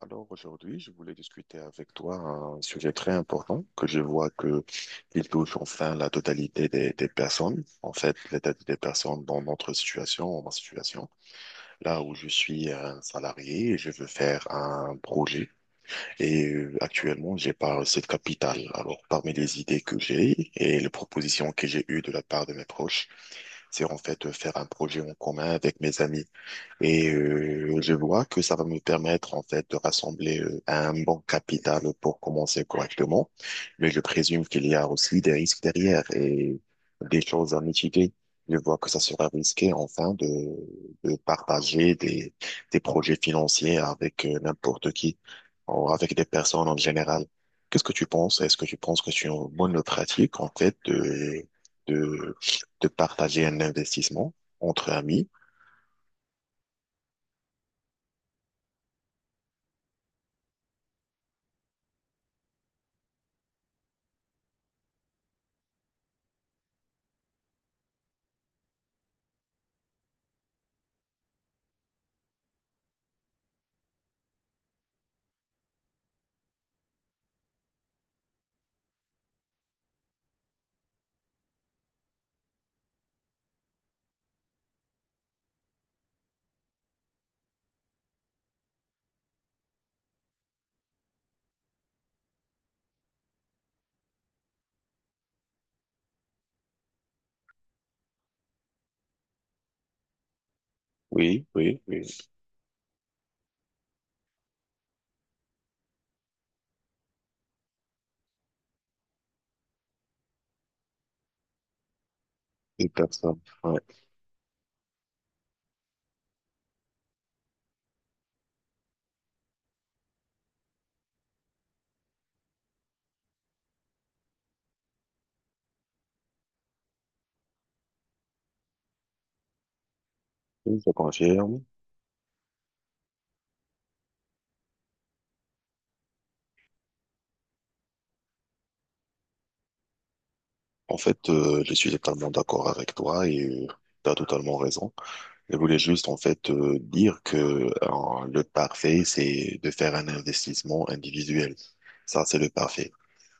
Alors aujourd'hui, je voulais discuter avec toi un sujet très important que je vois que il touche enfin la totalité des personnes. En fait, la totalité des personnes dans notre situation, ma situation, là où je suis un salarié et je veux faire un projet. Et actuellement, j'ai pas cette capitale. Alors, parmi les idées que j'ai et les propositions que j'ai eues de la part de mes proches, c'est en fait de faire un projet en commun avec mes amis. Et je vois que ça va me permettre en fait de rassembler un bon capital pour commencer correctement, mais je présume qu'il y a aussi des risques derrière et des choses à mitiger. Je vois que ça sera risqué enfin de partager des projets financiers avec n'importe qui ou avec des personnes en général. Qu'est-ce que tu penses? Est-ce que tu penses que c'est une bonne pratique en fait de, de partager un investissement entre amis? Oui, oui, oui. Une personne. Ouais. Oui, je confirme. En fait, je suis totalement d'accord avec toi et tu as totalement raison. Je voulais juste en fait dire que le parfait, c'est de faire un investissement individuel. Ça, c'est le parfait.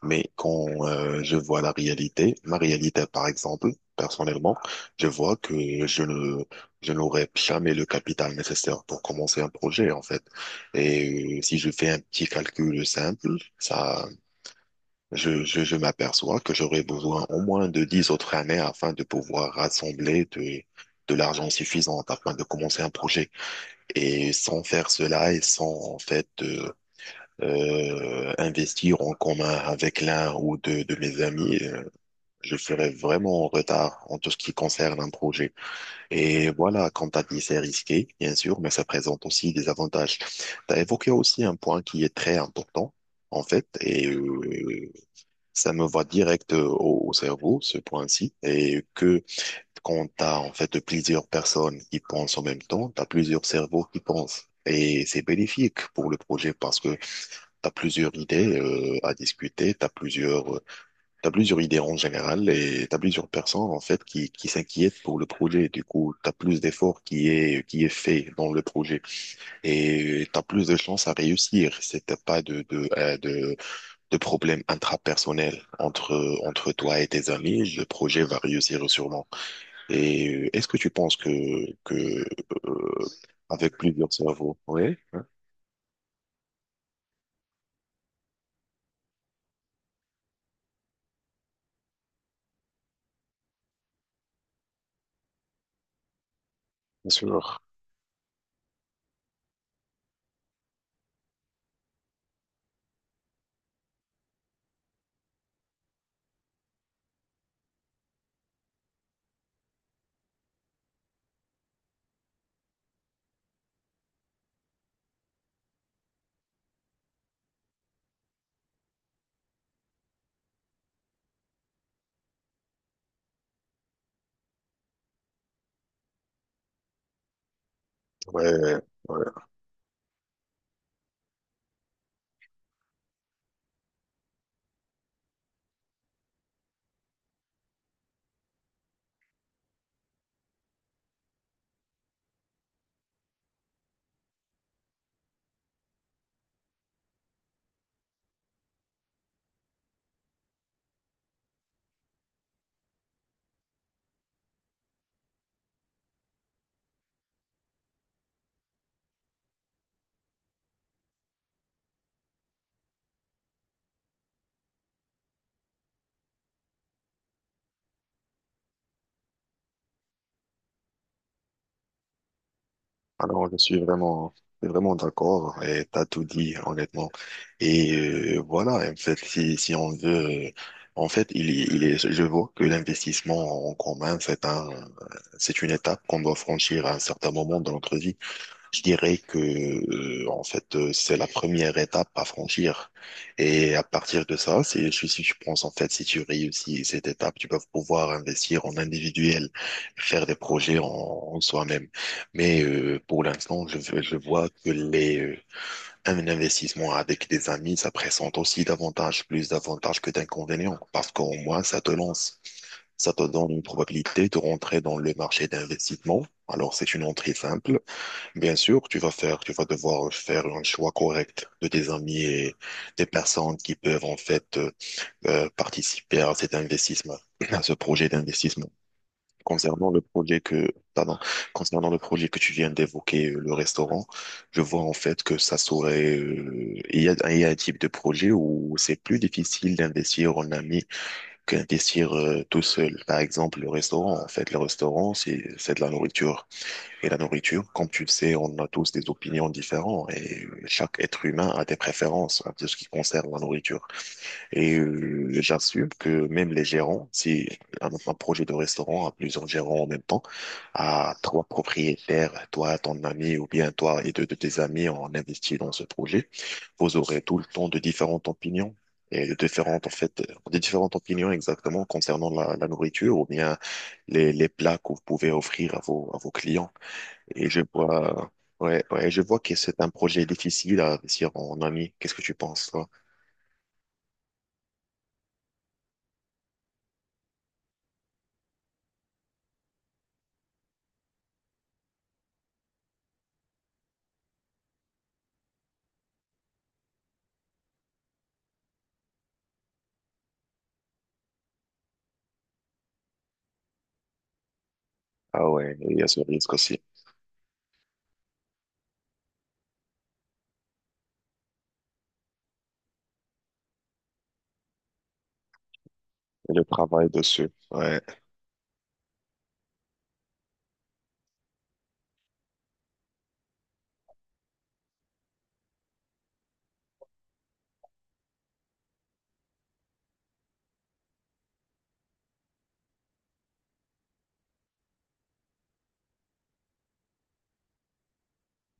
Mais quand je vois la réalité, ma réalité par exemple, personnellement, je vois que je n'aurai jamais le capital nécessaire pour commencer un projet en fait. Et si je fais un petit calcul simple, ça, je m'aperçois que j'aurai besoin au moins de 10 autres années afin de pouvoir rassembler de l'argent suffisant afin de commencer un projet. Et sans faire cela et sans en fait investir en commun avec l'un ou deux de mes amis, je serais vraiment en retard en tout ce qui concerne un projet. Et voilà, comme t'as dit, c'est risqué, bien sûr, mais ça présente aussi des avantages. T'as évoqué aussi un point qui est très important, en fait, et ça me va direct au cerveau, ce point-ci, et que quand t'as en fait plusieurs personnes qui pensent en même temps, t'as plusieurs cerveaux qui pensent. Et c'est bénéfique pour le projet parce que t'as plusieurs idées à discuter, t'as plusieurs idées en général et t'as plusieurs personnes en fait qui s'inquiètent pour le projet. Du coup, t'as plus d'efforts qui est fait dans le projet et t'as plus de chances à réussir. C'était pas de problèmes intrapersonnels entre toi et tes amis. Le projet va réussir sûrement. Et est-ce que tu penses que que euh, avec plusieurs cerveaux, oui, hein, bien sûr, ouais. Ouais. Alors, je suis vraiment d'accord et t'as tout dit, honnêtement. Et voilà, en fait, si on veut, en fait, il est, je vois que l'investissement en commun, c'est une étape qu'on doit franchir à un certain moment dans notre vie. Je dirais que en fait c'est la première étape à franchir et à partir de ça c'est si tu penses en fait si tu réussis cette étape tu vas pouvoir investir en individuel faire des projets en soi-même mais pour l'instant je vois que les un investissement avec des amis ça présente aussi davantage plus d'avantages que d'inconvénients parce qu'au moins ça te lance ça te donne une probabilité de rentrer dans le marché d'investissement alors c'est une entrée simple. Bien sûr, tu vas devoir faire un choix correct de tes amis et des personnes qui peuvent en fait participer à cet investissement, à ce projet d'investissement. Concernant le projet que, pardon, Concernant le projet que tu viens d'évoquer, le restaurant, je vois en fait que ça serait, il y a un type de projet où c'est plus difficile d'investir en ami qu'investir tout seul. Par exemple, le restaurant, en fait, le restaurant, c'est de la nourriture et la nourriture, comme tu le sais, on a tous des opinions différentes et chaque être humain a des préférences à ce qui concerne la nourriture. Et j'assume que même les gérants, si un projet de restaurant a plusieurs gérants en même temps, à trois propriétaires, toi, ton ami ou bien toi et deux de tes amis en investi dans ce projet, vous aurez tout le temps de différentes opinions. Et de différentes, en fait, des différentes opinions exactement concernant la nourriture ou bien les plats que vous pouvez offrir à vos clients. Et je vois, ouais, ouais, je vois que c'est un projet difficile à réussir en ami. Qu'est-ce que tu penses, toi? Ah ouais, il y a ce risque aussi. Et le travail dessus, ouais,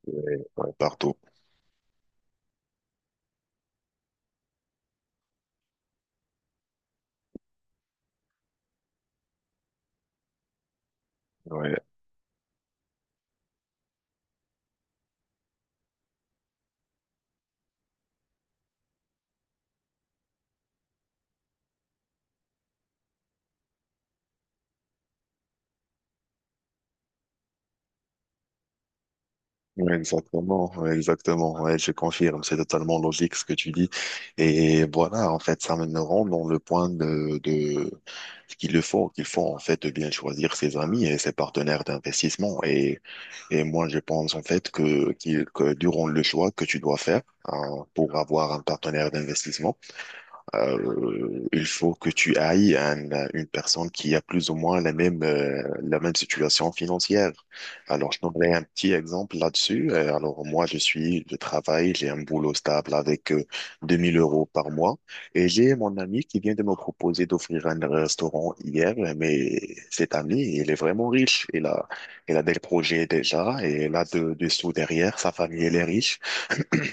ouais, ouais, partout. Ouais, ouais, exactement, ouais, exactement. Ouais, je confirme, c'est totalement logique ce que tu dis. Et voilà, en fait, ça me rend dans le point de ce qu'il le faut, qu'il faut en fait de bien choisir ses amis et ses partenaires d'investissement. Et moi, je pense en fait que durant le choix que tu dois faire hein, pour avoir un partenaire d'investissement, il faut que tu ailles une personne qui a plus ou moins la même situation financière. Alors, je donnerai un petit exemple là-dessus. Alors, moi, je travaille, j'ai un boulot stable avec 2 000 € par mois. Et j'ai mon ami qui vient de me proposer d'offrir un restaurant hier, mais cet ami, il est vraiment riche. Il a des projets déjà et il a des sous derrière. Sa famille, elle est riche.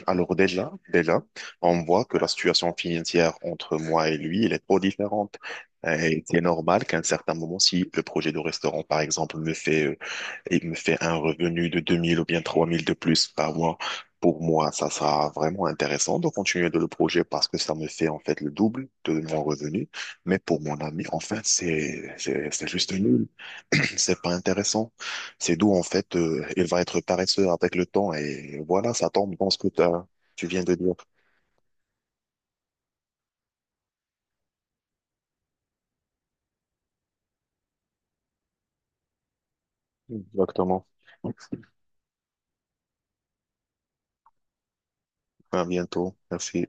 Alors déjà, on voit que la situation financière entre moi et lui, elle est trop différente. Et c'est normal qu'à un certain moment, si le projet de restaurant, par exemple, et me fait un revenu de 2 000 ou bien 3 000 de plus par mois, pour moi, ça sera vraiment intéressant de continuer de le projet parce que ça me fait, en fait, le double de mon revenu. Mais pour mon ami, enfin, c'est juste nul. C'est pas intéressant. C'est d'où, en fait, il va être paresseux avec le temps et voilà, ça tombe dans tu viens de dire. Exactement. À bientôt. Merci.